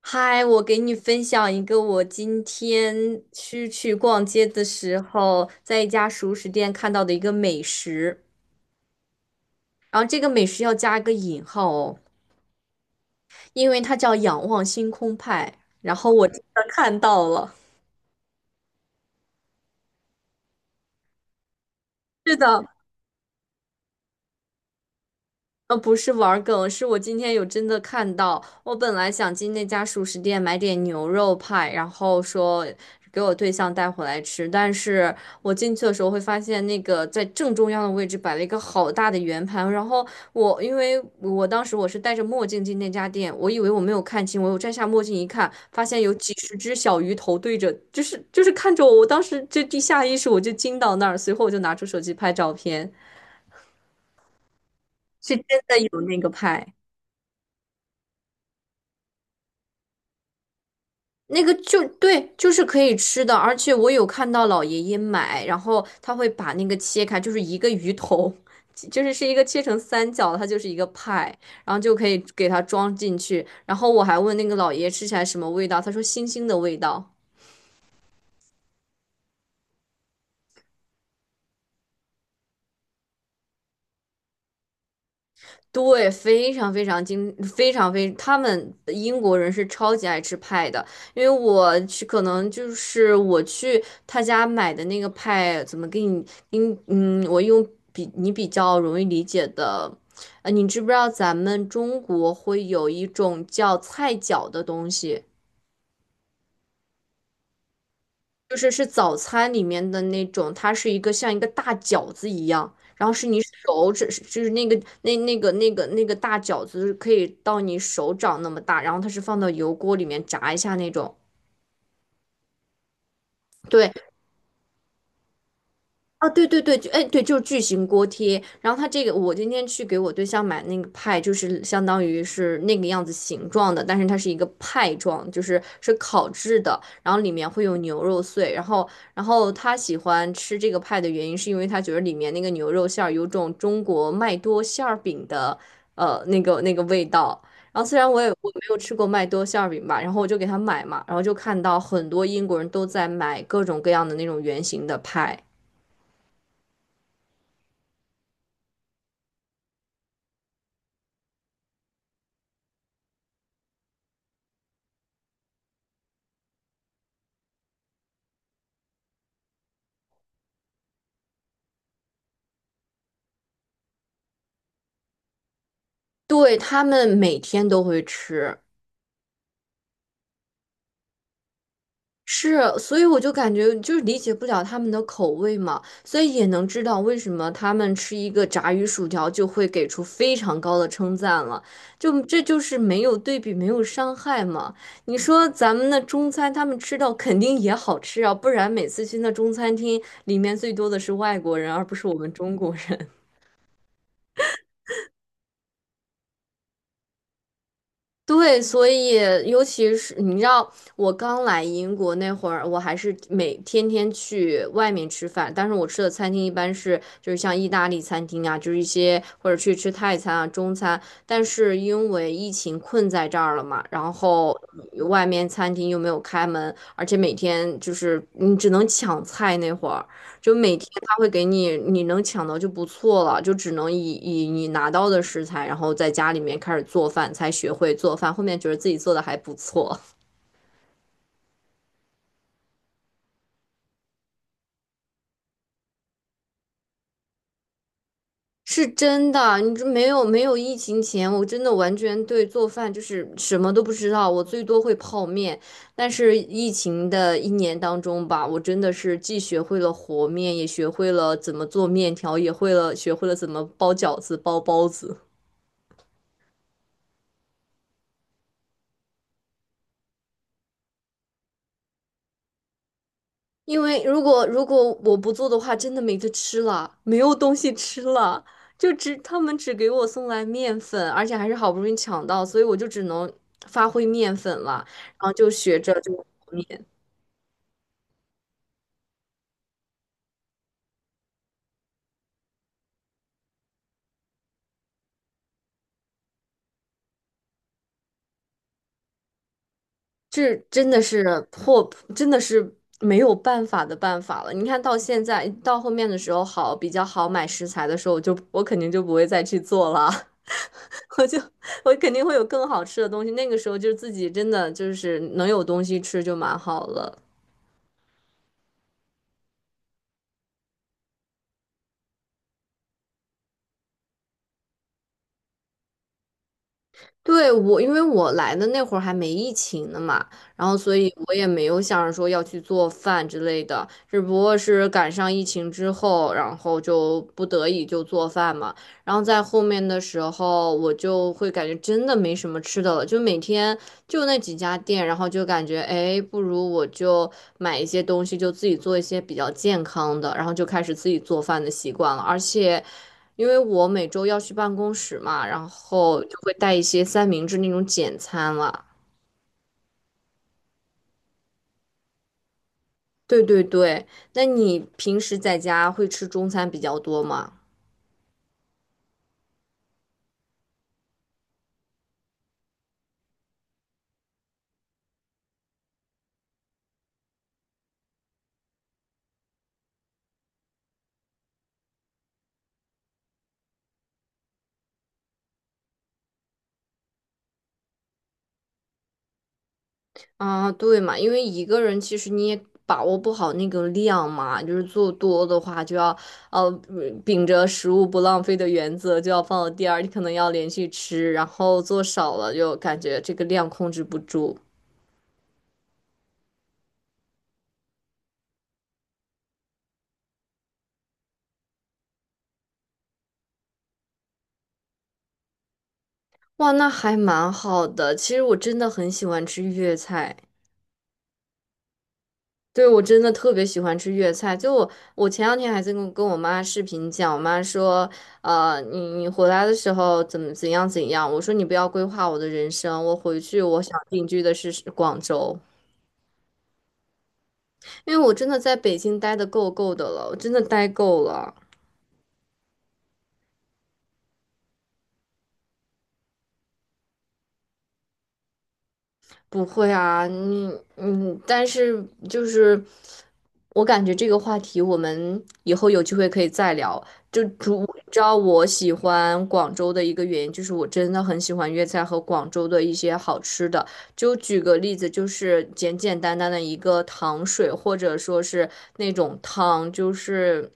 嗨，我给你分享一个我今天去逛街的时候，在一家熟食店看到的一个美食，然后这个美食要加一个引号哦，因为它叫仰望星空派，然后我真的看到了。是的，不是玩儿梗，是我今天有真的看到。我本来想进那家熟食店买点牛肉派，然后说给我对象带回来吃，但是我进去的时候会发现那个在正中央的位置摆了一个好大的圆盘，然后我因为我当时我是戴着墨镜进那家店，我以为我没有看清，我又摘下墨镜一看，发现有几十只小鱼头对着，就是看着我，我当时就地下意识我就惊到那儿，随后我就拿出手机拍照片，是真的有那个派。那个就对，就是可以吃的，而且我有看到老爷爷买，然后他会把那个切开，就是一个鱼头，就是是一个切成三角，它就是一个派，然后就可以给它装进去。然后我还问那个老爷爷吃起来什么味道，他说腥腥的味道。对，非常非常精，非常非，他们英国人是超级爱吃派的，因为我去，可能就是我去他家买的那个派，怎么给你，给你嗯，我用比你比较容易理解的，你知不知道咱们中国会有一种叫菜饺的东西？就是是早餐里面的那种，它是一个像一个大饺子一样，然后是你手指，就是那个大饺子可以到你手掌那么大，然后它是放到油锅里面炸一下那种。对，啊，对对对，就哎对，就是巨型锅贴。然后它这个，我今天去给我对象买那个派，就是相当于是那个样子形状的，但是它是一个派状，就是是烤制的，然后里面会有牛肉碎。然后他喜欢吃这个派的原因，是因为他觉得里面那个牛肉馅儿有种中国麦多馅儿饼的味道。然后虽然我没有吃过麦多馅儿饼吧，然后我就给他买嘛，然后就看到很多英国人都在买各种各样的那种圆形的派。对，他们每天都会吃，是，所以我就感觉就是理解不了他们的口味嘛，所以也能知道为什么他们吃一个炸鱼薯条就会给出非常高的称赞了，就这就是没有对比，没有伤害嘛。你说咱们的中餐，他们吃到肯定也好吃啊，不然每次去那中餐厅里面最多的是外国人，而不是我们中国人。对，所以尤其是你知道，我刚来英国那会儿，我还是每天去外面吃饭，但是我吃的餐厅一般是就是像意大利餐厅啊，就是一些或者去吃泰餐啊、中餐。但是因为疫情困在这儿了嘛，然后外面餐厅又没有开门，而且每天就是你只能抢菜那会儿。就每天他会给你，你能抢到就不错了，就只能以你拿到的食材，然后在家里面开始做饭，才学会做饭。后面觉得自己做的还不错，是真的。你这没有疫情前，我真的完全对做饭就是什么都不知道，我最多会泡面。但是疫情的一年当中吧，我真的是既学会了和面，也学会了怎么做面条，也会了学会了怎么包饺子、包包子。因为如果我不做的话，真的没得吃了，没有东西吃了，就只他们只给我送来面粉，而且还是好不容易抢到，所以我就只能发挥面粉了，然后就学着就和面，这真的是破，真的是没有办法的办法了。你看到现在到后面的时候好比较好买食材的时候，我肯定就不会再去做了，我就我肯定会有更好吃的东西。那个时候就是自己真的就是能有东西吃就蛮好了。对，我，因为我来的那会儿还没疫情呢嘛，然后所以我也没有想着说要去做饭之类的，只不过是赶上疫情之后，然后就不得已就做饭嘛。然后在后面的时候，我就会感觉真的没什么吃的了，就每天就那几家店，然后就感觉，哎，不如我就买一些东西，就自己做一些比较健康的，然后就开始自己做饭的习惯了，而且。因为我每周要去办公室嘛，然后就会带一些三明治那种简餐了。对对对，那你平时在家会吃中餐比较多吗？啊，对嘛，因为一个人其实你也把握不好那个量嘛，就是做多的话就要呃秉着食物不浪费的原则就要放到第二，你可能要连续吃，然后做少了就感觉这个量控制不住。哇，那还蛮好的。其实我真的很喜欢吃粤菜。对，我真的特别喜欢吃粤菜。就我，我前两天还在跟我妈视频讲，我妈说，你回来的时候怎么怎样怎样？我说你不要规划我的人生，我回去我想定居的是广州，因为我真的在北京待的够够的了，我真的待够了。不会啊，你嗯，但是就是我感觉这个话题我们以后有机会可以再聊。就主，你知道我喜欢广州的一个原因，就是我真的很喜欢粤菜和广州的一些好吃的。就举个例子，就是简简单单的一个糖水，或者说是那种汤，就是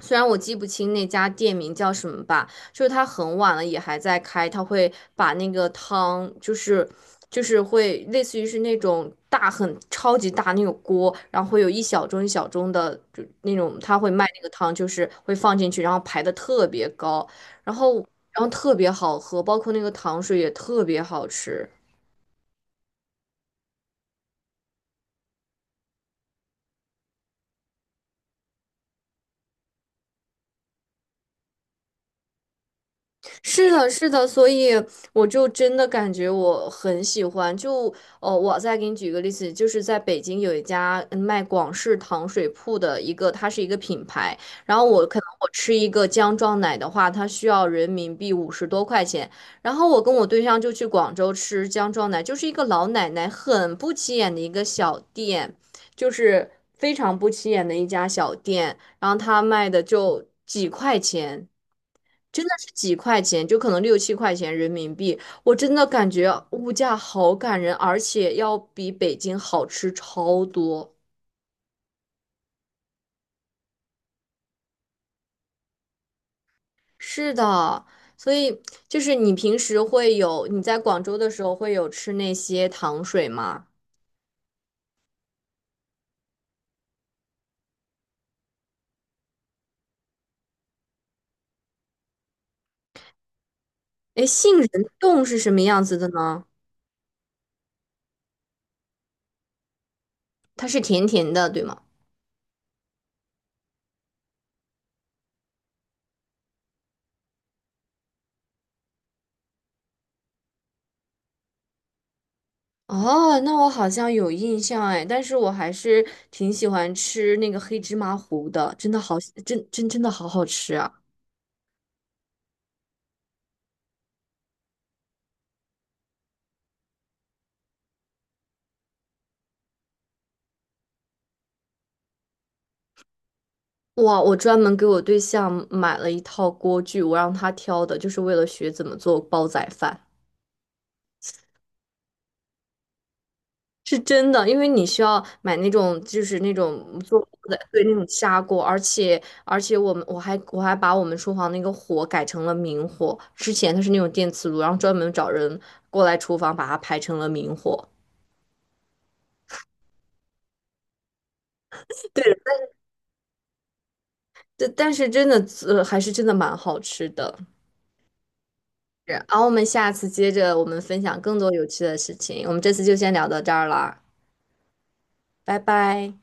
虽然我记不清那家店名叫什么吧。就是它很晚了也还在开，它会把那个汤就是会类似于是那种大很超级大那种锅，然后会有一小盅一小盅的就那种，它会卖那个汤，就是会放进去，然后排的特别高，然后特别好喝，包括那个糖水也特别好吃。是的，是的，所以我就真的感觉我很喜欢。就哦，我再给你举个例子，就是在北京有一家嗯卖广式糖水铺的一个，它是一个品牌。然后我可能我吃一个姜撞奶的话，它需要人民币50多块钱。然后我跟我对象就去广州吃姜撞奶，就是一个老奶奶很不起眼的一个小店，就是非常不起眼的一家小店。然后他卖的就几块钱。真的是几块钱，就可能六七块钱人民币，我真的感觉物价好感人，而且要比北京好吃超多。是的，所以就是你平时会有，你在广州的时候会有吃那些糖水吗？哎，杏仁冻是什么样子的呢？它是甜甜的，对吗？哦，那我好像有印象哎，但是我还是挺喜欢吃那个黑芝麻糊的，真的好，真的好好吃啊。哇，我专门给我对象买了一套锅具，我让他挑的，就是为了学怎么做煲仔饭。是真的，因为你需要买那种，就是那种做煲仔，对，那种砂锅，而且我们我还把我们厨房那个火改成了明火，之前它是那种电磁炉，然后专门找人过来厨房把它排成了明火。对，但是真的，还是真的蛮好吃的。是，然后我们下次接着我们分享更多有趣的事情，我们这次就先聊到这儿了。拜拜。